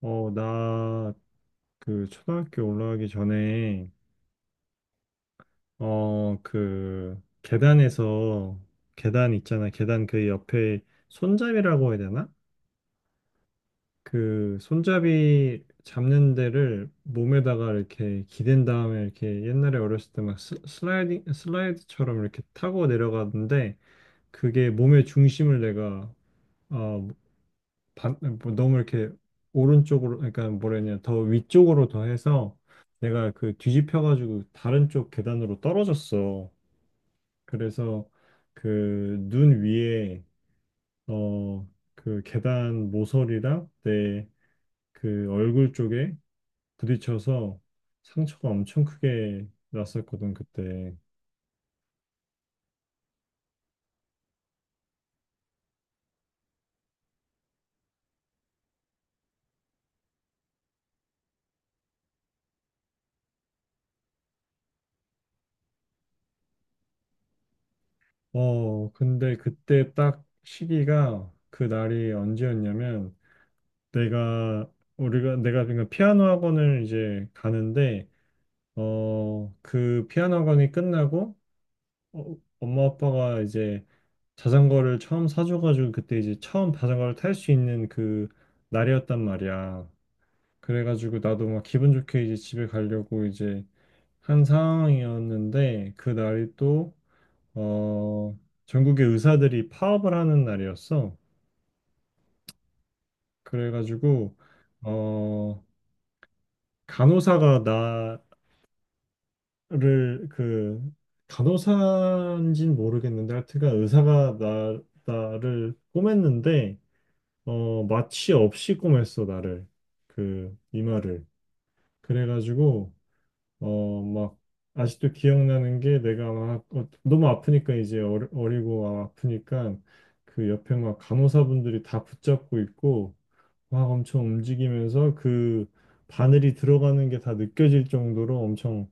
나, 그, 초등학교 올라가기 전에, 어, 그, 계단에서, 계단 있잖아. 계단 그 옆에 손잡이라고 해야 되나? 그, 손잡이 잡는 데를 몸에다가 이렇게 기댄 다음에 이렇게 옛날에 어렸을 때 막 슬라이딩, 슬라이드처럼 이렇게 타고 내려가는데, 그게 몸의 중심을 내가, 어, 반- 뭐 너무 이렇게 오른쪽으로 그러니까 뭐라 해야 되냐 더 위쪽으로 더 해서 내가 그 뒤집혀가지고 다른 쪽 계단으로 떨어졌어. 그래서 그 눈 위에 어 그 계단 모서리랑 내 그 얼굴 쪽에 부딪혀서 상처가 엄청 크게 났었거든 그때. 근데 그때 딱 시기가 그 날이 언제였냐면 내가 우리가 내가 그러니까 피아노 학원을 이제 가는데 그 피아노 학원이 끝나고 어, 엄마 아빠가 이제 자전거를 처음 사줘가지고 그때 이제 처음 자전거를 탈 수 있는 그 날이었단 말이야. 그래가지고 나도 막 기분 좋게 이제 집에 가려고 이제 한 상황이었는데 그 날이 또 어 전국의 의사들이 파업을 하는 날이었어. 그래가지고 어 간호사가 나 를 그 간호사인지는 모르겠는데 하여튼간 의사가 나 나를 꼬맸는데 어 마취 없이 꼬맸어 나를 그 이마를 그래가지고 어 막 아직도 기억나는 게 내가 막 어, 너무 아프니까 이제 어리고 막 아프니까 그 옆에 막 간호사분들이 다 붙잡고 있고 막 엄청 움직이면서 그 바늘이 들어가는 게 다 느껴질 정도로 엄청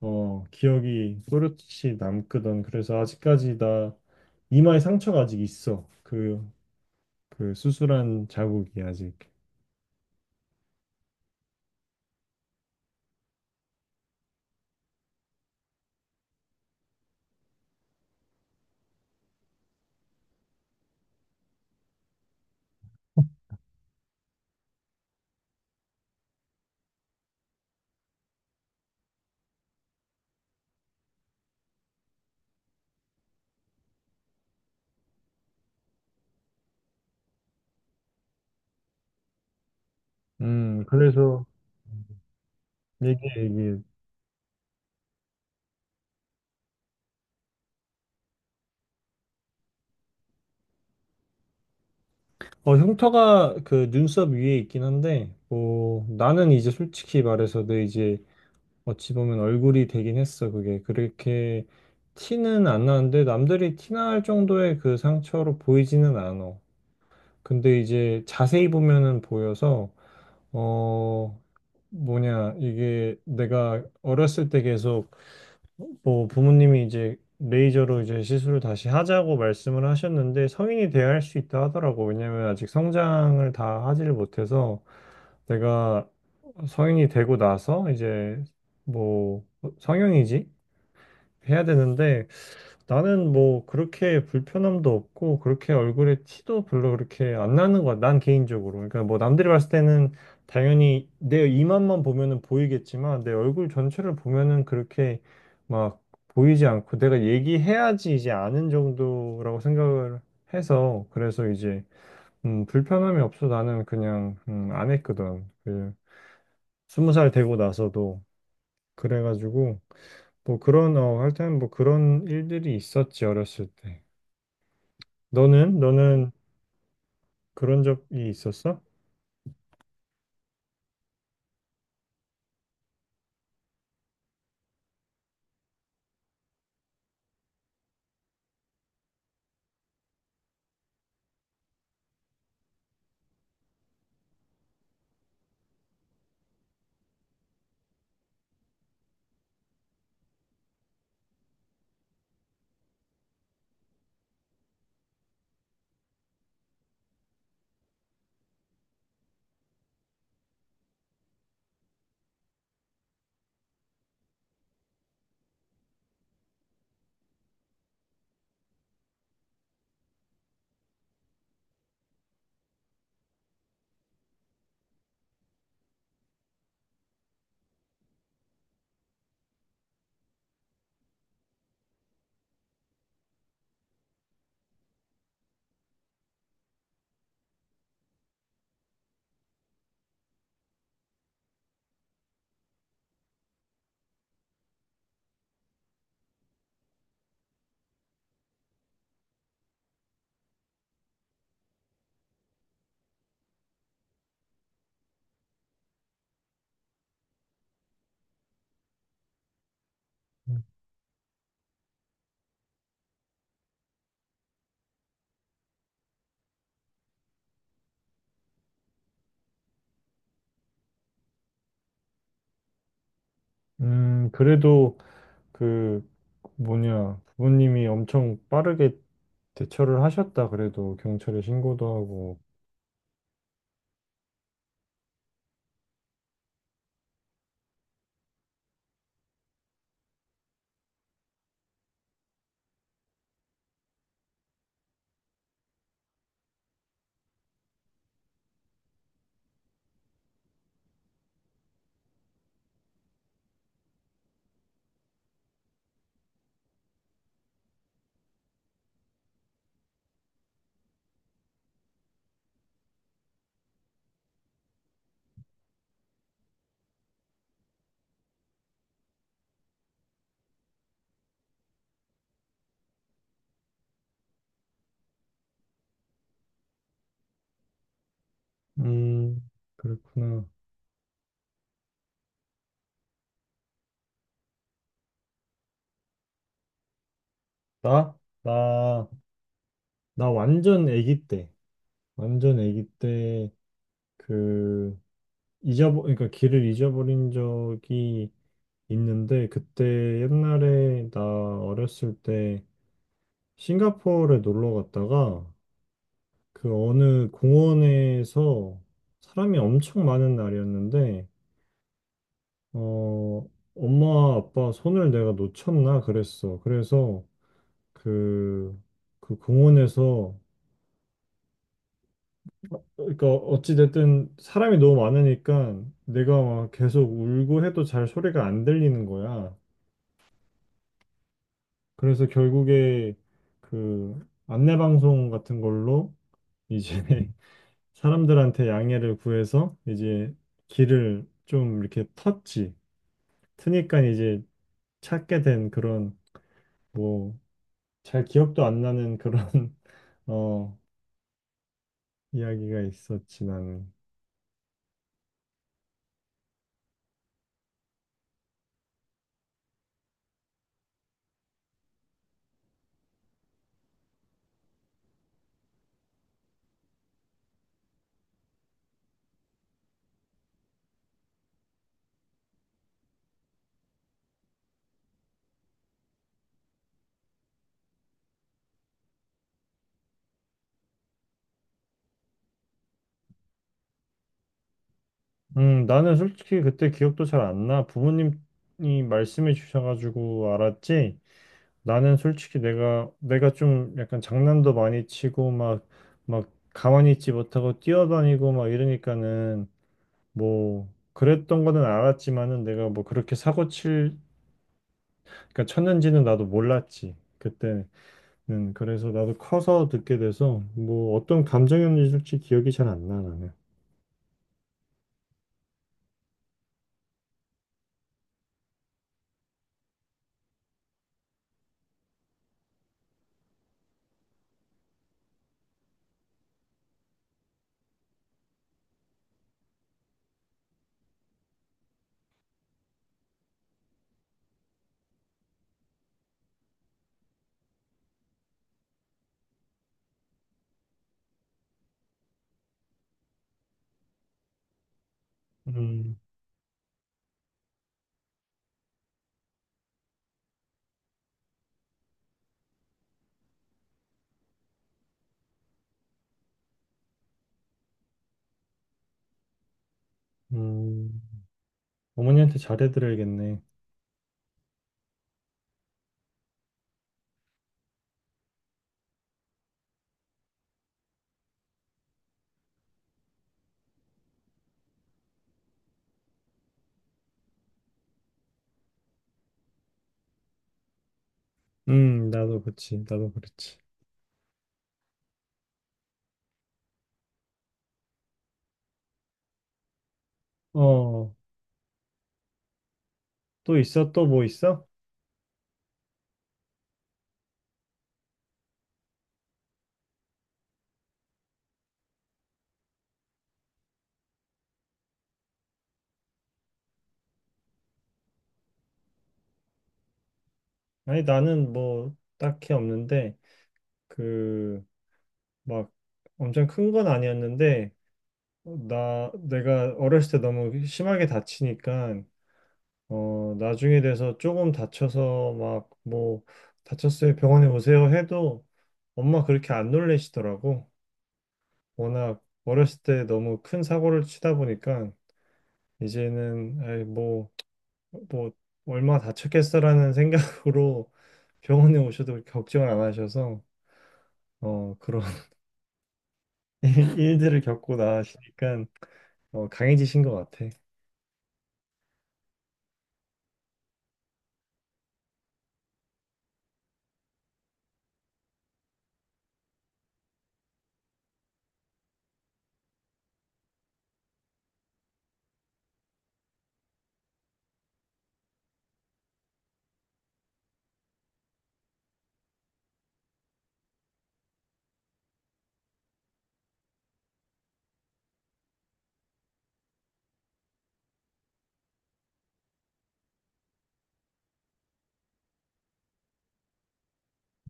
어, 기억이 또렷이 남거든. 그래서 아직까지 나 이마에 상처가 아직 있어. 그, 그 수술한 자국이 아직. 그래서 얘기해, 얘기해. 어, 흉터가 그 눈썹 위에 있긴 한데, 뭐, 나는 이제 솔직히 말해서 내 이제 어찌 보면 얼굴이 되긴 했어. 그게 그렇게 티는 안 나는데 남들이 티날 정도의 그 상처로 보이지는 않아. 근데 이제 자세히 보면은 보여서 어, 뭐냐, 이게 내가 어렸을 때 계속 뭐 부모님이 이제 레이저로 이제 시술을 다시 하자고 말씀을 하셨는데 성인이 돼야 할 수 있다 하더라고. 왜냐면 아직 성장을 다 하지를 못해서 내가 성인이 되고 나서 이제 뭐 성형이지? 해야 되는데 나는 뭐 그렇게 불편함도 없고 그렇게 얼굴에 티도 별로 그렇게 안 나는 거야. 난 개인적으로. 그러니까 뭐 남들이 봤을 때는 당연히 내 이만만 보면은 보이겠지만 내 얼굴 전체를 보면은 그렇게 막 보이지 않고 내가 얘기해야지 이제 아는 정도라고 생각을 해서 그래서 이제 불편함이 없어 나는 그냥 안 했거든. 그 스무 살 되고 나서도 그래가지고 뭐 그런 어 하여튼 뭐 그런 일들이 있었지 어렸을 때. 너는 그런 적이 있었어? 그래도 그 뭐냐 부모님이 엄청 빠르게 대처를 하셨다. 그래도 경찰에 신고도 하고. 음, 그렇구나. 나? 나, 나 완전 아기 때, 완전 아기 때 그 잊어버, 그러니까 길을 잊어버린 적이 있는데 그때 옛날에 나 어렸을 때 싱가포르에 놀러 갔다가 그 어느 공원에서 사람이 엄청 많은 날이었는데, 어, 엄마, 아빠 손을 내가 놓쳤나 그랬어. 그래서 그, 그 공원에서, 그러니까 어찌됐든 사람이 너무 많으니까 내가 막 계속 울고 해도 잘 소리가 안 들리는 거야. 그래서 결국에 그 안내방송 같은 걸로 이제 사람들한테 양해를 구해서 이제 길을 좀 이렇게 텄지. 트니까 이제 찾게 된 그런 뭐 잘 기억도 안 나는 그런 어 이야기가 있었지 나는. 나는 솔직히 그때 기억도 잘 안 나. 부모님이 말씀해 주셔가지고 알았지. 나는 솔직히 내가 좀 약간 장난도 많이 치고 막 가만히 있지 못하고 뛰어다니고 막 이러니까는 뭐 그랬던 거는 알았지만은 내가 뭐 그렇게 사고 칠 그러니까 쳤는지는 나도 몰랐지. 그때 그래서 나도 커서 듣게 돼서 뭐 어떤 감정이었는지 기억이 잘 안 나, 나는. 음, 음, 어머니한테 잘해드려야겠네. 나도 그렇지. 어, 또 있어? 또 뭐 있어? 아니, 나는 뭐 딱히 없는데, 그, 막 엄청 큰 건 아니었는데, 어, 나, 내가 어렸을 때 너무 심하게 다치니까 어, 나중에 돼서 조금 다쳐서 막 뭐 다쳤어요 병원에 오세요 해도 엄마 그렇게 안 놀래시더라고. 워낙 어렸을 때 너무 큰 사고를 치다 보니까 이제는 이 뭐, 뭐 얼마 다쳤겠어라는 생각으로 병원에 오셔도 걱정을 안 하셔서 어, 그런 일들을 겪고 나시니까 어, 강해지신 것 같아.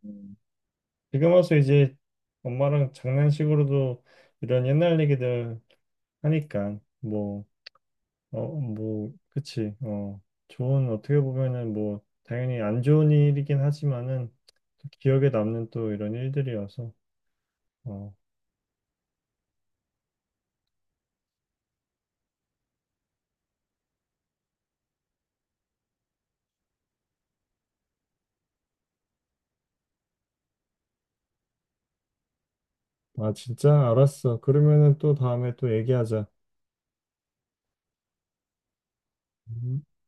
음. 지금 와서 이제 엄마랑 장난식으로도 이런 옛날 얘기들 하니까 뭐, 어, 뭐, 그치. 어, 좋은 어떻게 보면은 뭐 당연히 안 좋은 일이긴 하지만은 기억에 남는 또 이런 일들이어서. 어, 아 진짜 알았어. 그러면은 또 다음에 또 얘기하자. 음.